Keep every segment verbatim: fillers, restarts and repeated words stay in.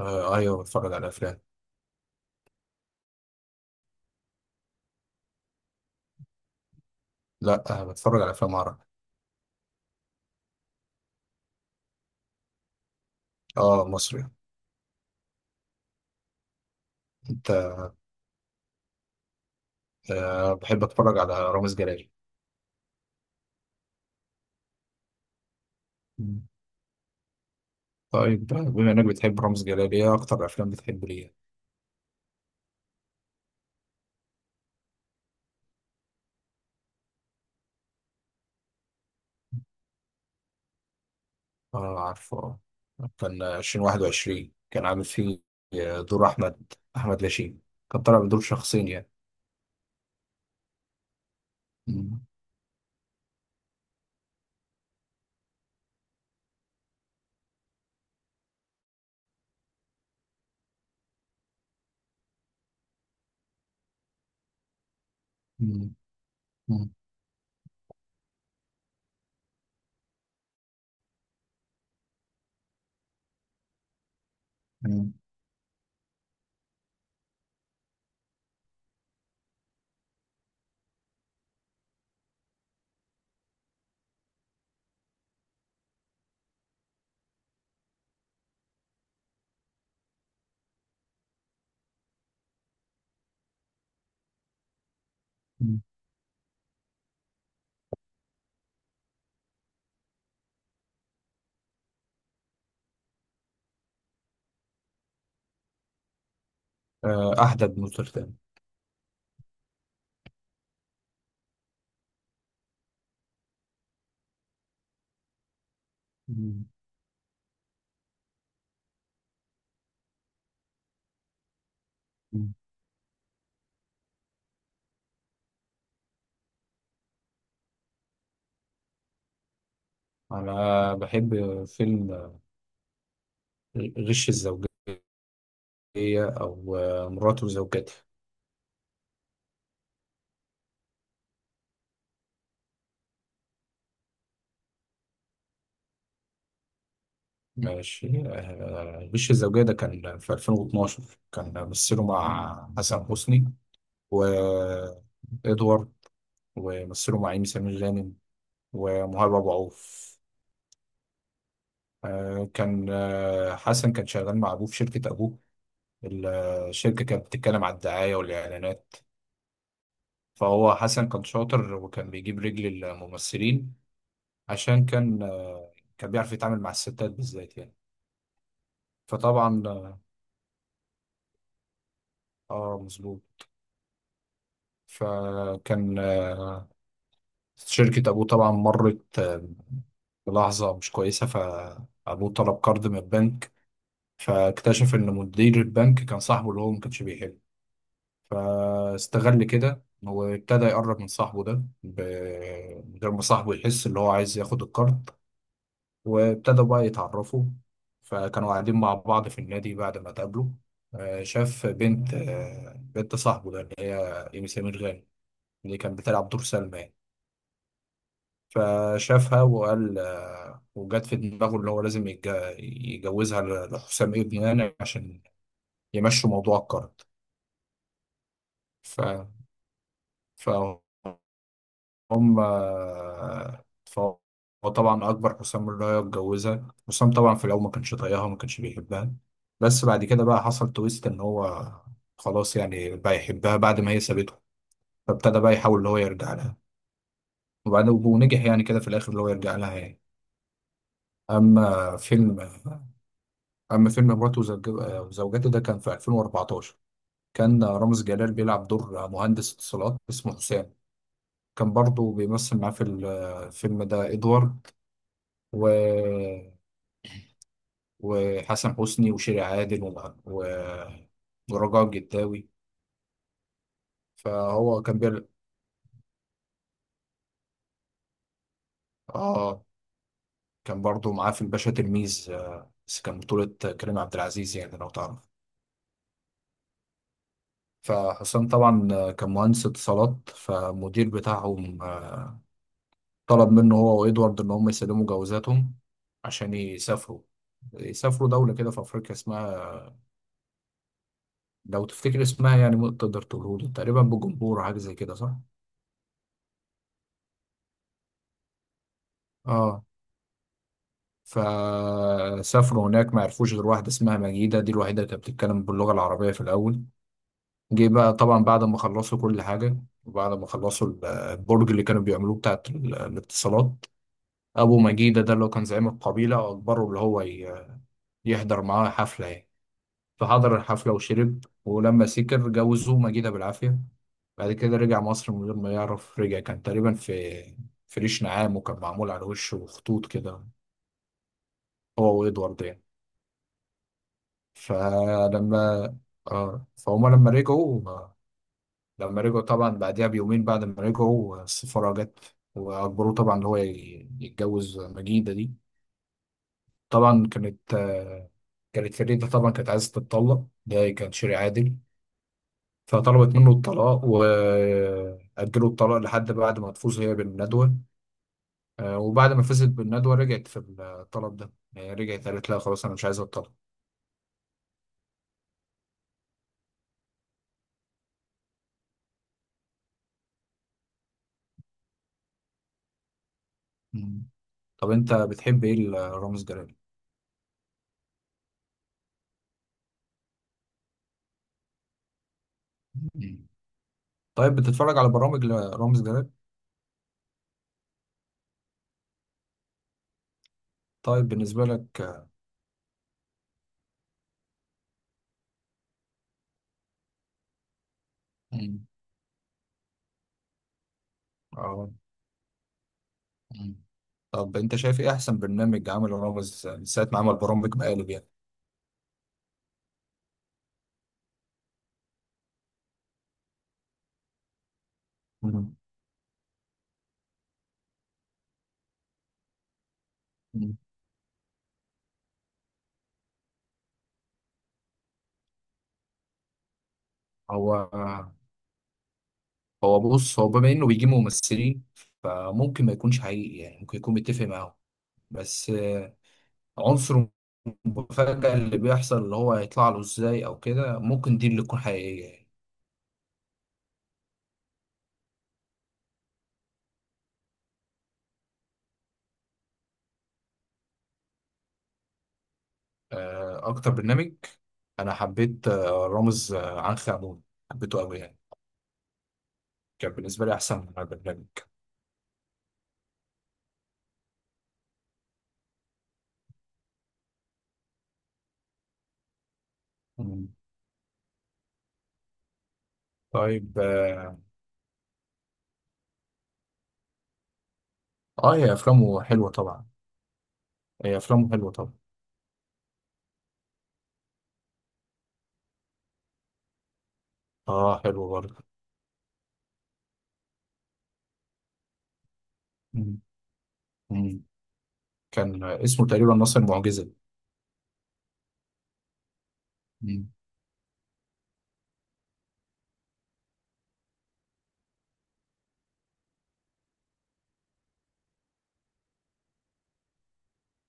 آه ايوه، بتفرج على افلام. لا، آه بتفرج على افلام عربي. اه مصري. انت. آه بحب اتفرج على رامز جلال. مم. طيب، بما انك بتحب رامز جلال، ايه اكتر افلام بتحب ليه؟ اه عارفه. آه. كان ألفين وواحد وعشرين كان عامل فيه، آه، دور احمد احمد لاشين. كان طالع بدور شخصين يعني. مم. مم. مم. مم. مم. آه احدى بن نوتردام. مم. مم. انا بحب فيلم آه، غش الزوجية، هي أو آه، مراته وزوجته. ماشي، آه، وش الزوجية ده كان في ألفين واتناشر. كان مثله مع حسن حسني وإدوارد، ومثله مع إيمي سمير غانم ومهاب أبو عوف. آه، كان آه، حسن كان شغال مع أبوه في شركة أبوه. ال- الشركة كانت بتتكلم على الدعاية والإعلانات. فهو حسن كان شاطر وكان بيجيب رجل الممثلين عشان كان آه، كان بيعرف يتعامل مع الستات بالذات يعني. فطبعا آه، اه مظبوط. فكان آه، شركة أبوه طبعا مرت آه، بلحظة مش كويسة، فأبوه طلب قرض من البنك. فاكتشف إن مدير البنك كان صاحبه اللي هو ما كانش بيحبه. فاستغل كده وابتدى يقرب من صاحبه ده ب- من غير ما صاحبه يحس اللي هو عايز ياخد القرض. وابتدوا بقى يتعرفوا. فكانوا قاعدين مع بعض في النادي بعد ما اتقابلوا. آه، شاف بنت، آه، بنت صاحبه ده اللي هي إيمي سمير غانم، اللي كانت بتلعب دور سلمى يعني. فشافها وقال، آه، وجت في دماغه اللي هو لازم يتج- يجوزها ل- لحسام ابنه يعني عشان يمشوا موضوع الكارد. ف... فهم آه، فهو طبعا أكبر حسام اللي هي اتجوزها، حسام طبعا في الأول ما كانش طايقها وما كانش بيحبها. بس بعد كده بقى حصل تويست إن هو خلاص يعني بقى يحبها بعد ما هي سابته. فابتدى بقى يحاول اللي هو يرجع لها. وبعد ونجح يعني كده في الآخر اللي هو يرجع لها يعني. أما فيلم أما فيلم مراته وزوج- وزوجته ده كان في ألفين وأربعتاشر. كان رامز جلال بيلعب دور مهندس اتصالات اسمه حسام. كان برضه بيمثل معاه في الفيلم ده إدوارد و... وحسن حسني وشيري عادل و... و... ورجاء الجداوي. فهو كان بيل... آه كان برضه معاه في الباشا تلميذ، آه، بس كان بطولة كريم عبد العزيز يعني لو تعرف. فحسام طبعا كان مهندس اتصالات، فالمدير بتاعهم آه، طلب منه هو وإدوارد إن هم يسلموا جوازاتهم عشان يسافروا يسافروا دولة كده في أفريقيا اسمها، لو تفتكر اسمها يعني ممكن تقدر تقوله، تقريبا بجمبور أو حاجة زي كده، صح؟ اه. فسافروا هناك، ما عرفوش غير واحدة اسمها مجيدة، دي الوحيدة اللي كانت بتتكلم باللغة العربية في الأول. جه بقى طبعا بعد ما خلصوا كل حاجة، وبعد ما خلصوا ال- البرج اللي كانوا بيعملوه بتاعت ال- الاتصالات. أبو مجيدة ده اللي هو كان زعيم القبيلة أجبره اللي هو ي- يحضر معاه حفلة يعني. فحضر الحفلة وشرب، ولما سكر جوزوه مجيدة بالعافية. بعد كده رجع مصر من غير ما يعرف، رجع كان تقريبا في في ريش نعام وكان معمول على وشه خطوط كده، هو وإدوارد يعني. فلما آه فهما لما رجعوا لما رجعوا طبعا بعدها بيومين، بعد ما رجعوا السفارة جت وأجبروه طبعا إن هو ي- يتجوز مجيدة دي. طبعا كانت آه، كانت فريدة طبعا كانت عايزة تتطلق، ده كان شيء عادل. فطلبت منه الطلاق وأجلوا الطلاق لحد بعد ما تفوز هي بالندوة. آه، وبعد ما فزت بالندوة رجعت في الطلب ده يعني، رجعت قالت لا خلاص أنا مش عايزة الطلاق. مم. طب أنت بتحب إيه لرامز جلال؟ مم. طيب، بتتفرج على برامج لرامز جلال؟ طيب بالنسبة لك. مم. اه. مم. طب أنت شايف إيه أحسن برنامج عمله رامز من ساعة ما عمل برامج مقالب يعني؟ مم. مم. هو هو بص، هو بما انه بيجيب ممثلين فممكن ما يكونش حقيقي يعني، ممكن يكون متفق معاهم. بس آه، عنصر المفاجأة اللي بيحصل اللي هو هيطلع له ازاي او كده، ممكن دي اللي تكون حقيقية يعني. آه، اكتر برنامج انا حبيت، آه، رامز آه، عنخ عمون، حبيته قوي يعني. كان بالنسبة لي احسن برنامج. مم. طيب اه. آه، هي افلامه حلوة طبعا. هي افلامه حلوة طبعا. اه حلو برضه. مم. مم. كان آه، اسمه تقريبا ناصر المعجزة.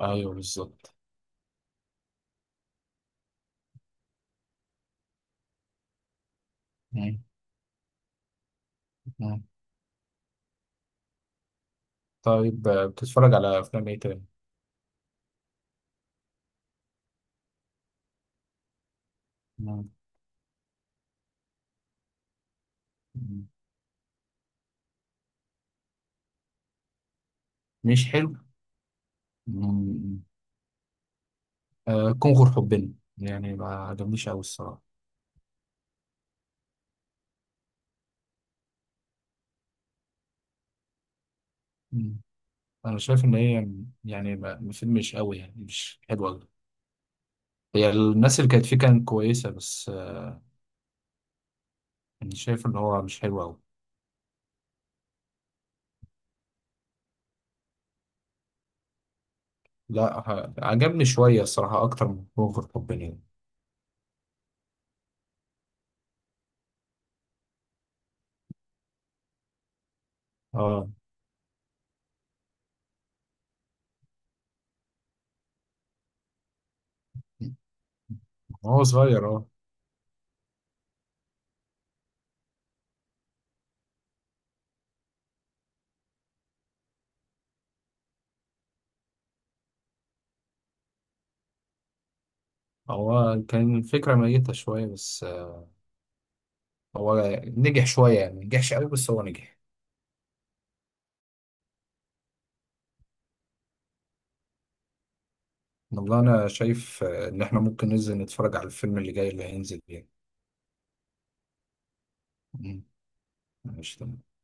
ايوه بالظبط. مم. مم. طيب، آه، بتتفرج على افلام ايه تاني؟ مم. مم. مش حلو. مم. آه كونغر حبنا يعني ما عجبنيش قوي الصراحه. مم. انا شايف ان هي يعني، ما- فيلم مش قوي يعني مش حلو قوي. هي الناس اللي كانت فيه كانت كويسه، بس آه، انا شايف ان هو مش حلو قوي. لا ه- عجبني شويه الصراحه اكتر من كونغر حبنا يعني. اه. هو صغير اه. هو كان الفكره ميته شويه، بس آه، هو نجح شوية يعني، ما نجحش قوي بس هو نجح. والله أنا شايف آه، إن إحنا ممكن ننزل نتفرج على الفيلم اللي جاي اللي هينزل يعني. مم. ماشي تمام.